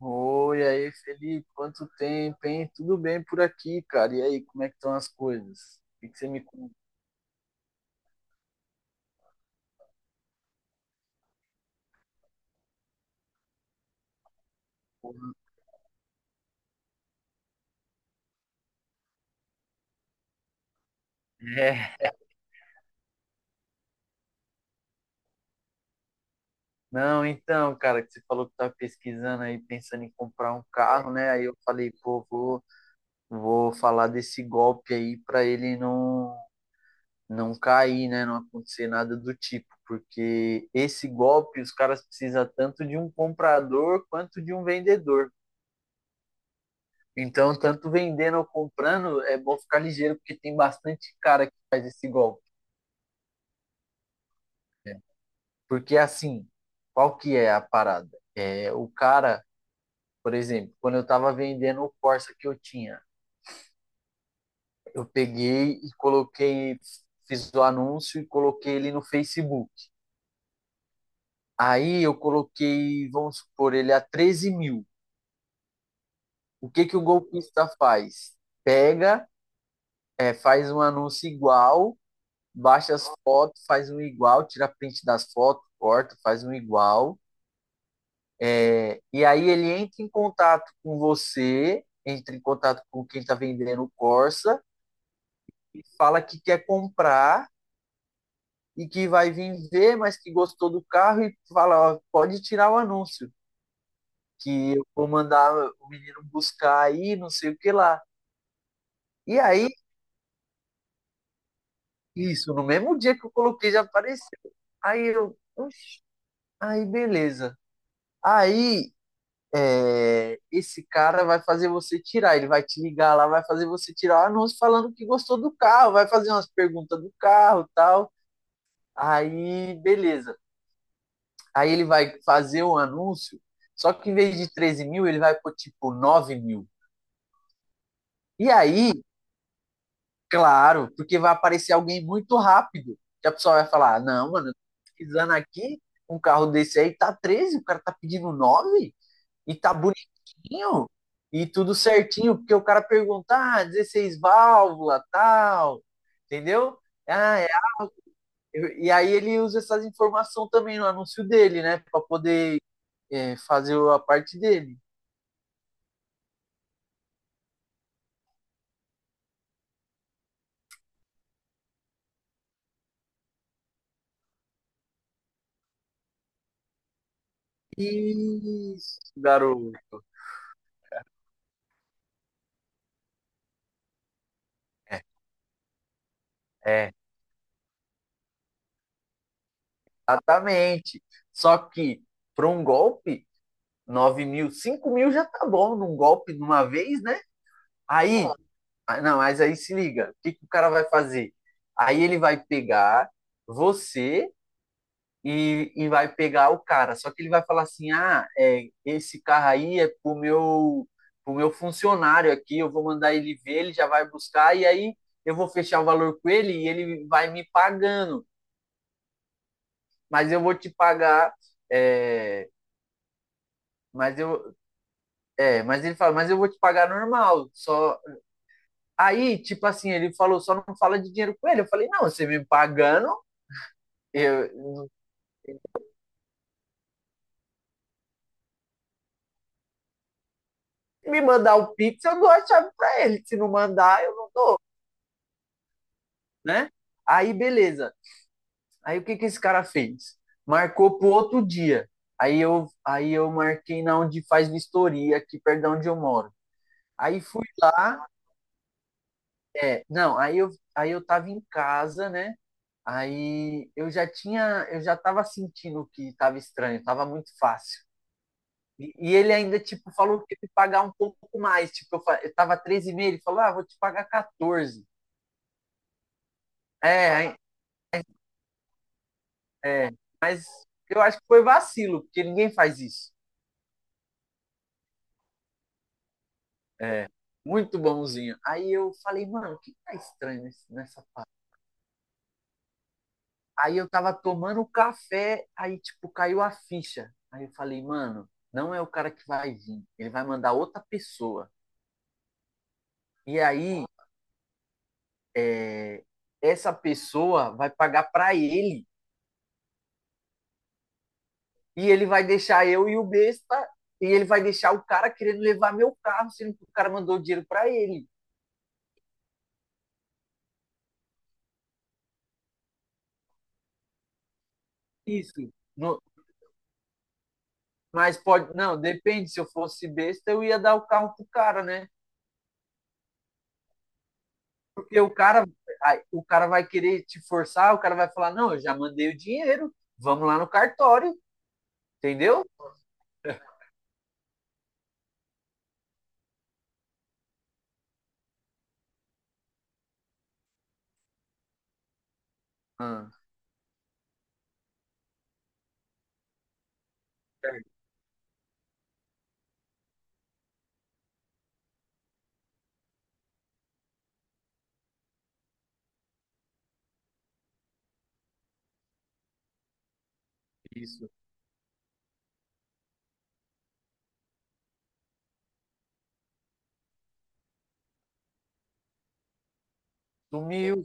Oi, aí, Felipe, quanto tempo, hein? Tudo bem por aqui, cara? E aí, como é que estão as coisas? O que que você me conta? É, não, então, cara, que você falou que tá pesquisando aí, pensando em comprar um carro, né? Aí eu falei, pô, vou falar desse golpe aí pra ele não cair, né? Não acontecer nada do tipo, porque esse golpe os caras precisam tanto de um comprador quanto de um vendedor. Então, tanto vendendo ou comprando, é bom ficar ligeiro, porque tem bastante cara que faz esse golpe. Porque, assim, qual que é a parada? O cara, por exemplo, quando eu estava vendendo o Corsa que eu tinha, eu peguei e coloquei, fiz o anúncio e coloquei ele no Facebook. Aí eu coloquei, vamos supor, ele a 13 mil. O que que o golpista faz? Pega, faz um anúncio igual, baixa as fotos, faz um igual, tira print das fotos, corta, faz um igual. E aí ele entra em contato com você, entra em contato com quem está vendendo o Corsa, e fala que quer comprar e que vai vir ver, mas que gostou do carro e fala, ó, pode tirar o anúncio, que eu vou mandar o menino buscar aí, não sei o que lá. E aí, isso, no mesmo dia que eu coloquei já apareceu. Aí eu, oxi, aí beleza. Aí esse cara vai fazer você tirar, ele vai te ligar lá, vai fazer você tirar o anúncio falando que gostou do carro, vai fazer umas perguntas do carro e tal. Aí, beleza. Aí ele vai fazer um anúncio, só que em vez de 13 mil, ele vai por tipo 9 mil. E aí, claro, porque vai aparecer alguém muito rápido, que a pessoa vai falar: "Ah, não, mano, eu tô pesquisando aqui, um carro desse aí tá 13, o cara tá pedindo 9, e tá bonitinho e tudo certinho." Porque o cara pergunta, ah, 16 válvula, tal, entendeu? Ah, é. E aí ele usa essas informações também no anúncio dele, né? Pra poder, fazer a parte dele. Isso, garoto. É, é, exatamente. Só que para um golpe, 9 mil, 5 mil já tá bom num golpe de uma vez, né? Aí, ah, não, mas aí se liga, o que que o cara vai fazer? Aí ele vai pegar você e vai pegar o cara. Só que ele vai falar assim: ah, é, esse carro aí é pro meu funcionário aqui, eu vou mandar ele ver, ele já vai buscar, e aí eu vou fechar o valor com ele e ele vai me pagando. Mas eu vou te pagar. é, mas eu. É, mas ele fala, mas eu vou te pagar normal. Só. Aí, tipo assim, ele falou, só não fala de dinheiro com ele. Eu falei, não, você me pagando. Eu, Me mandar o Pix, eu dou a chave pra ele. Se não mandar, eu não. Né? Aí, beleza. Aí o que que esse cara fez? Marcou pro outro dia. Aí eu marquei na onde faz vistoria, aqui perto de onde eu moro. Aí fui lá, não, aí eu tava em casa, né? Aí eu já tava sentindo que tava estranho, tava muito fácil. E ele ainda, tipo, falou que ia me pagar um pouco mais. Tipo, eu tava 13 e meio, ele falou, ah, vou te pagar 14. É, aí, É, mas eu acho que foi vacilo, porque ninguém faz isso. É, muito bonzinho. Aí eu falei, mano, o que tá estranho nessa parte? Aí eu tava tomando um café, aí, tipo, caiu a ficha. Aí eu falei, mano, não é o cara que vai vir, ele vai mandar outra pessoa. E aí, é, essa pessoa vai pagar pra ele, e ele vai deixar eu e o besta, e ele vai deixar o cara querendo levar meu carro, sendo que o cara mandou dinheiro pra ele. Isso. No- Mas pode. Não, depende. Se eu fosse besta, eu ia dar o carro pro cara, né? Porque o cara, ai, o cara vai querer te forçar, o cara vai falar, não, eu já mandei o dinheiro, vamos lá no cartório, entendeu? Ah, certo, isso. Sumiu.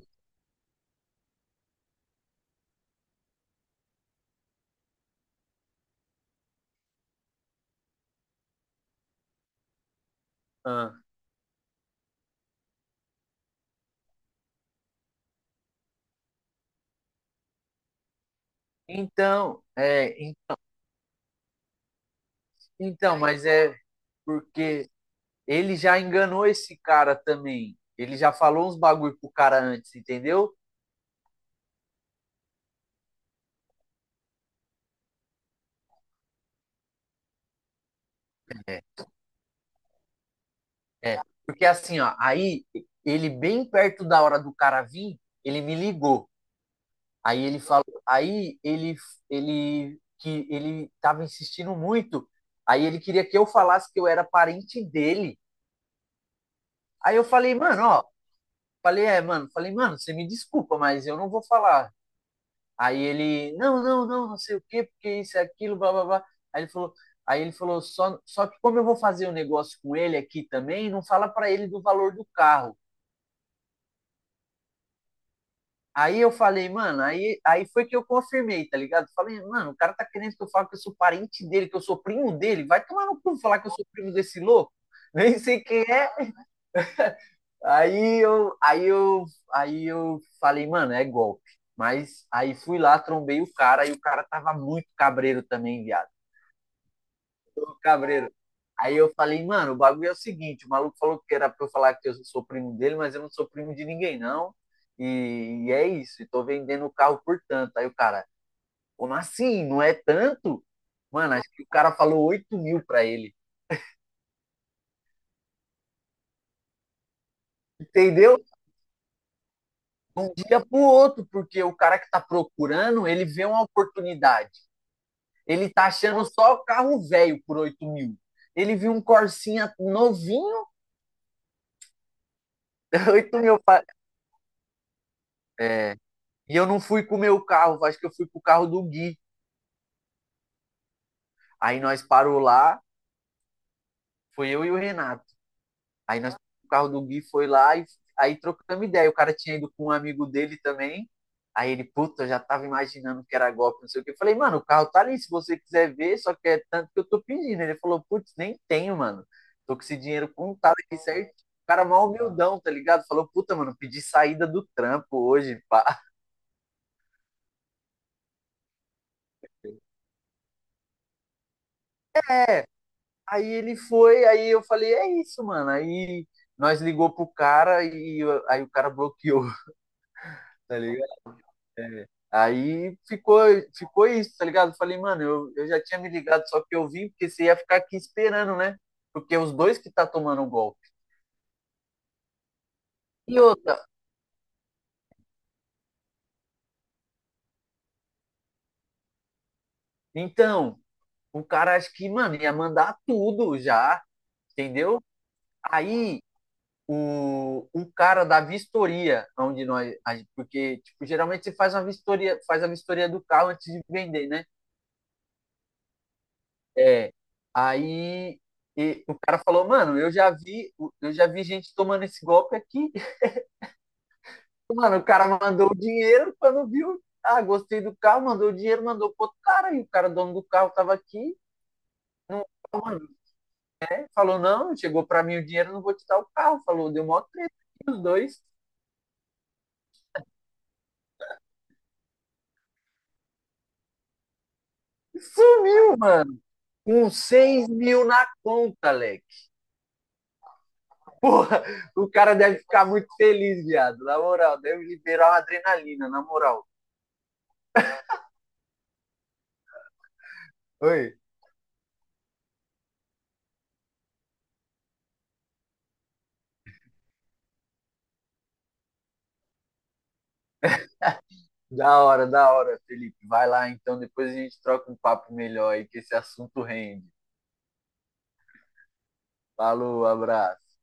Ah. Então, é, en- então, mas é porque ele já enganou esse cara também. Ele já falou uns bagulho pro cara antes, entendeu? É, porque assim, ó, aí ele bem perto da hora do cara vir, ele me ligou. Aí ele falou, aí ele que ele tava insistindo muito. Aí ele queria que eu falasse que eu era parente dele. Aí eu falei, mano, ó, falei, mano, falei, mano, você me desculpa, mas eu não vou falar. Aí ele, não, não, não, não sei o quê, porque isso é aquilo, blá blá blá. Aí ele falou, aí ele falou só que como eu vou fazer o um negócio com ele aqui também, não fala para ele do valor do carro. Aí eu falei, mano, aí foi que eu confirmei, tá ligado? Falei, mano, o cara tá querendo que eu fale que eu sou parente dele, que eu sou primo dele. Vai tomar no cu falar que eu sou primo desse louco. Nem sei quem é. Aí eu, aí eu, aí eu falei, mano, é golpe. Mas aí fui lá, trombei o cara, e o cara tava muito cabreiro também, viado. Cabreiro. Aí eu falei, mano, o bagulho é o seguinte, o maluco falou que era pra eu falar que eu sou primo dele, mas eu não sou primo de ninguém, não. E é isso, e tô vendendo o carro por tanto. Aí o cara, como assim? Não é tanto? Mano, acho que o cara falou 8 mil pra ele. Entendeu? De um dia pro outro, porque o cara que tá procurando, ele vê uma oportunidade. Ele tá achando só carro velho por 8 mil. Ele viu um Corsinha novinho, 8 mil. E eu não fui com o meu carro, acho que eu fui com o carro do Gui. Aí nós parou lá, foi eu e o Renato. Aí nós, o carro do Gui foi lá e aí trocamos ideia. O cara tinha ido com um amigo dele também. Aí ele, puta, eu já tava imaginando que era golpe, não sei o que. Eu falei, mano, o carro tá ali, se você quiser ver, só que é tanto que eu tô pedindo. Ele falou, putz, nem tenho, mano. Tô com esse dinheiro contado aqui certo. O cara mal humildão, tá ligado? Falou, puta, mano, pedi saída do trampo hoje, pá. É, aí ele foi, aí eu falei, é isso, mano. Aí nós ligou pro cara aí o cara bloqueou, tá ligado? É. Aí ficou isso, tá ligado? Eu falei, mano, eu já tinha me ligado, só que eu vim, porque você ia ficar aqui esperando, né? Porque os dois que tá tomando o golpe. E outra, então, o cara acho que, mano, ia mandar tudo já, entendeu? Aí o cara da vistoria, onde nós. Porque, tipo, geralmente você faz uma vistoria, faz a vistoria do carro antes de vender, né? É. Aí e o cara falou, mano, eu já vi gente tomando esse golpe aqui. Mano, o cara mandou o dinheiro, quando viu, ah, gostei do carro, mandou o dinheiro, mandou pro outro cara, e o cara, dono do carro, tava aqui, não, mano, né? Falou, não, chegou pra mim o dinheiro, não vou te dar o carro, falou, deu mó treta, aqui, os dois, e sumiu, mano, com 6 mil na conta, Leque. Porra, o cara deve ficar muito feliz, viado, na moral, deve liberar uma adrenalina, na moral. Oi. Da hora, Felipe. Vai lá então, depois a gente troca um papo melhor aí, que esse assunto rende. Falou, abraço.